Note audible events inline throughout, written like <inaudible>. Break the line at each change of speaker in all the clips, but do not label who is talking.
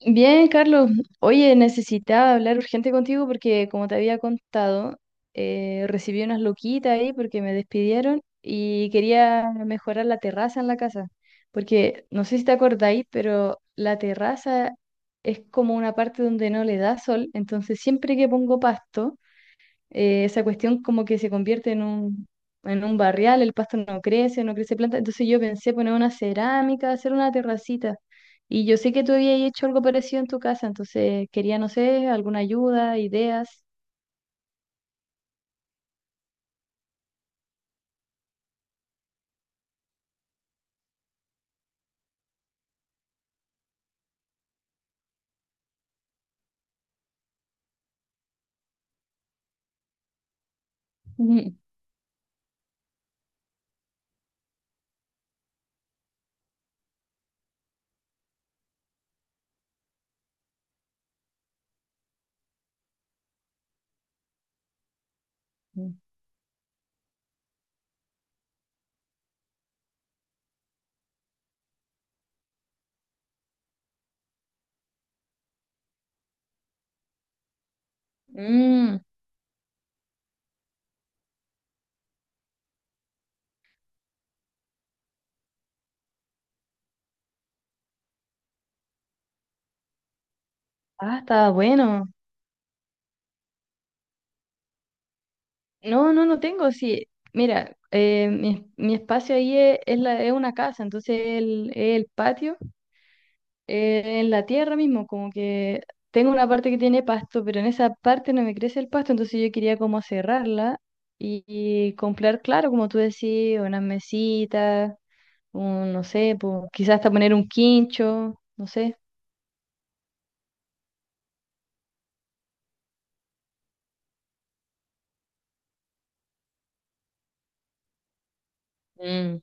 Bien, Carlos. Oye, necesitaba hablar urgente contigo porque, como te había contado, recibí unas loquitas ahí porque me despidieron y quería mejorar la terraza en la casa. Porque no sé si te acordáis, pero la terraza es como una parte donde no le da sol. Entonces, siempre que pongo pasto, esa cuestión como que se convierte en un barrial, el pasto no crece, no crece planta. Entonces yo pensé poner una cerámica, hacer una terracita. Y yo sé que tú habías hecho algo parecido en tu casa, entonces quería, no sé, alguna ayuda, ideas. <laughs> Ujú. Mm. Ah, está bueno. No, no, no tengo, sí. Mira, mi espacio ahí es, es una casa, entonces es el patio en la tierra mismo, como que tengo una parte que tiene pasto, pero en esa parte no me crece el pasto, entonces yo quería como cerrarla y comprar, claro, como tú decís, unas mesitas, un, no sé, po, quizás hasta poner un quincho, no sé. Mm.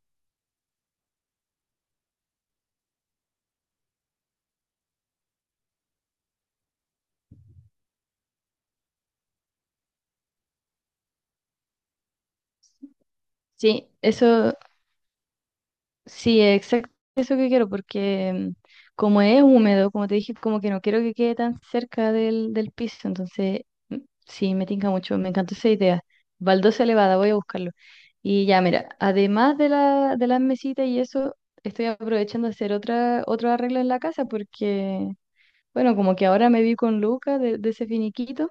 Sí, eso. Sí, exacto eso que quiero, porque como es húmedo, como te dije, como que no quiero que quede tan cerca del piso, entonces mm, sí, me tinca mucho, me encantó esa idea. Baldosa elevada, voy a buscarlo. Y ya, mira, además de la, de las mesitas y eso, estoy aprovechando a hacer otra, otro arreglo en la casa porque, bueno, como que ahora me vi con Luca de ese finiquito,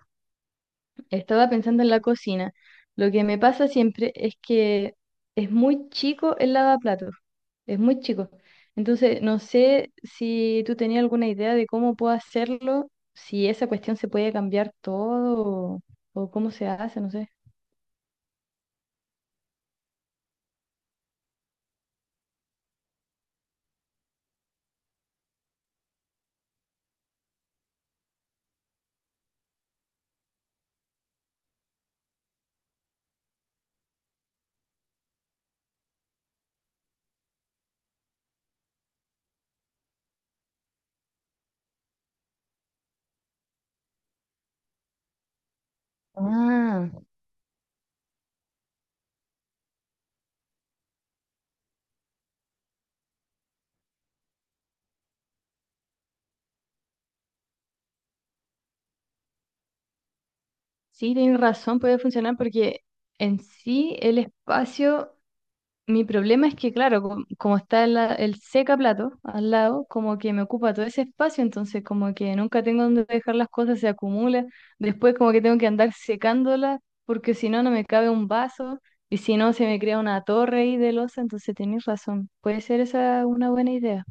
estaba pensando en la cocina. Lo que me pasa siempre es que es muy chico el lavaplatos, es muy chico. Entonces, no sé si tú tenías alguna idea de cómo puedo hacerlo, si esa cuestión se puede cambiar todo o, o cómo se hace, no sé. Ah, sí, tienes razón, puede funcionar porque en sí el espacio, mi problema es que, claro, como está el plato al lado, como que me ocupa todo ese espacio, entonces como que nunca tengo donde dejar las cosas, se acumula. Después como que tengo que andar secándolas, porque si no, no me cabe un vaso, y si no, se me crea una torre ahí de losa, entonces tenés razón. Puede ser esa una buena idea.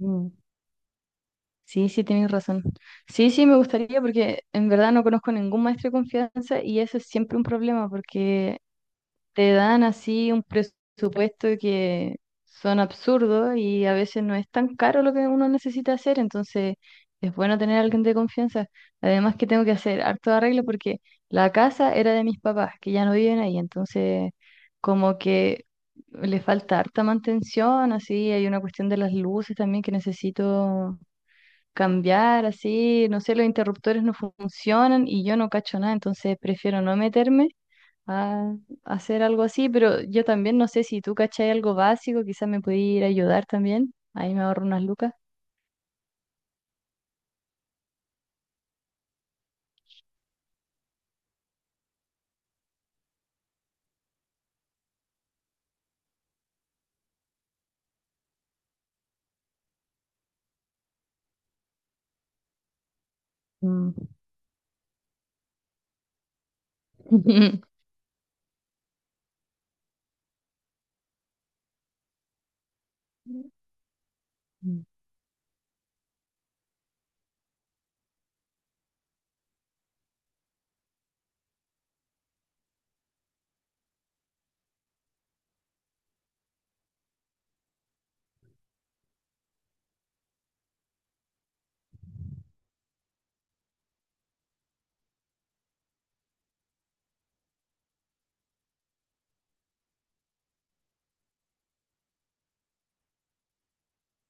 Mm. Sí, sí, tienes razón. Sí, sí, me gustaría porque en verdad no conozco ningún maestro de confianza y eso es siempre un problema porque te dan así un presupuesto que son absurdos y a veces no es tan caro lo que uno necesita hacer, entonces es bueno tener a alguien de confianza. Además que tengo que hacer harto arreglo porque la casa era de mis papás, que ya no viven ahí, entonces como que le falta harta mantención, así hay una cuestión de las luces también que necesito cambiar, así, no sé, los interruptores no funcionan y yo no cacho nada, entonces prefiero no meterme a hacer algo así, pero yo también no sé si tú cachai algo básico, quizás me puede ir a ayudar también. Ahí me ahorro unas lucas. Mm. <laughs>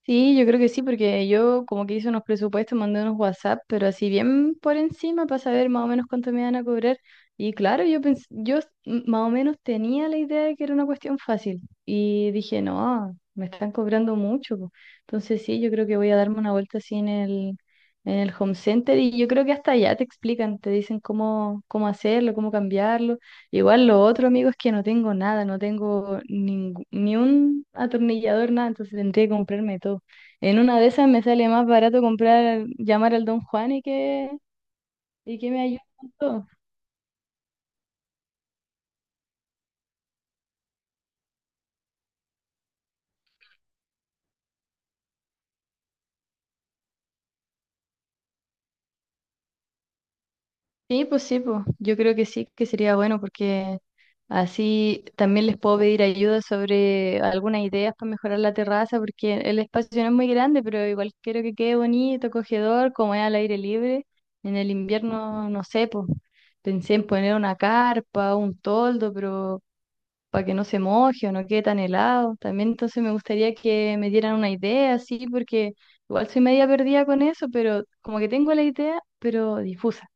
Sí, yo creo que sí, porque yo como que hice unos presupuestos, mandé unos WhatsApp, pero así bien por encima para saber más o menos cuánto me iban a cobrar. Y claro, yo pens- yo s- m- más o menos tenía la idea de que era una cuestión fácil. Y dije, no, me están cobrando mucho, po". Entonces sí, yo creo que voy a darme una vuelta así en el home center y yo creo que hasta allá te explican, te dicen cómo, cómo hacerlo, cómo cambiarlo. Igual lo otro, amigo, es que no tengo nada, ni un atornillador, nada, entonces tendría que comprarme todo. En una de esas me sale más barato comprar, llamar al Don Juan y que me ayude con todo. Sí, pues yo creo que sí, que sería bueno porque así también les puedo pedir ayuda sobre algunas ideas para mejorar la terraza, porque el espacio no es muy grande, pero igual quiero que quede bonito, acogedor, como es al aire libre. En el invierno, no sé, pues pensé en poner una carpa, un toldo, pero para que no se moje o no quede tan helado. También entonces me gustaría que me dieran una idea, sí, porque igual soy media perdida con eso, pero como que tengo la idea, pero difusa.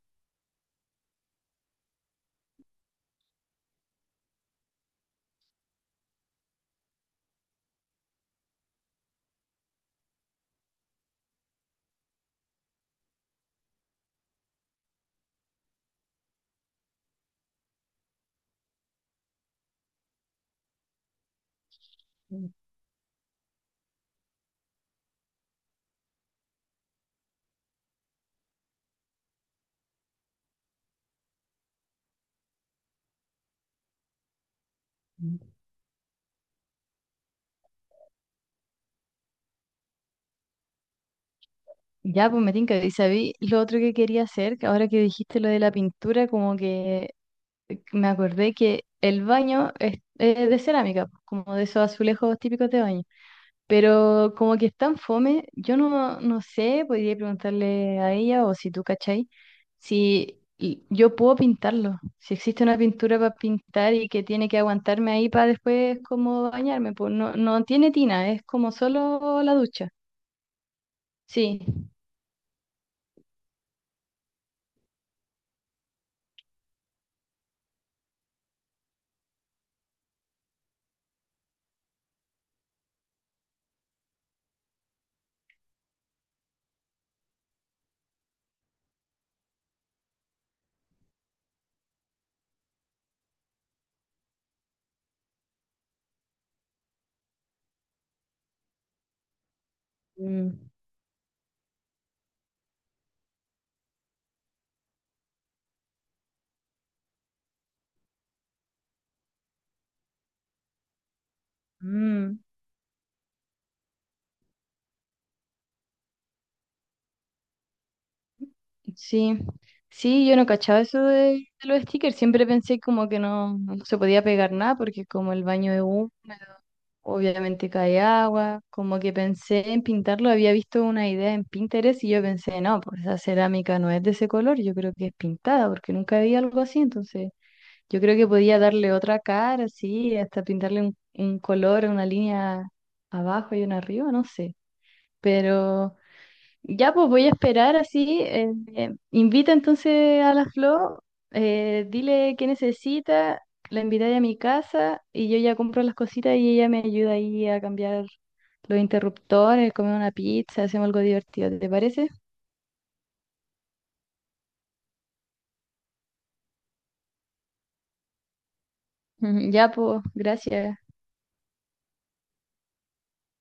Ya, pues me tinca. Y sabí lo otro que quería hacer, que ahora que dijiste lo de la pintura, como que me acordé que el baño es de cerámica, pues, como de esos azulejos típicos de baño, pero como que es tan fome, yo no, no sé, podría preguntarle a ella o si tú cachai, si y- yo puedo pintarlo, si existe una pintura para pintar y que tiene que aguantarme ahí para después como bañarme, pues no, no tiene tina, es como solo la ducha, sí. Mm, mm. Sí, sí, yo no cachaba eso de los stickers, siempre pensé como que no, no se podía pegar nada porque como el baño es húmedo, obviamente cae agua, como que pensé en pintarlo, había visto una idea en Pinterest y yo pensé, no, pues esa cerámica no es de ese color, yo creo que es pintada porque nunca vi algo así, entonces yo creo que podía darle otra cara, sí, hasta pintarle un color, una línea abajo y una arriba, no sé, pero... Ya, pues voy a esperar así. Invita entonces a la Flo, dile qué necesita, la invitaré a mi casa y yo ya compro las cositas y ella me ayuda ahí a cambiar los interruptores, comer una pizza, hacemos algo divertido, ¿te parece? <laughs> Ujú. Ya, pues, gracias.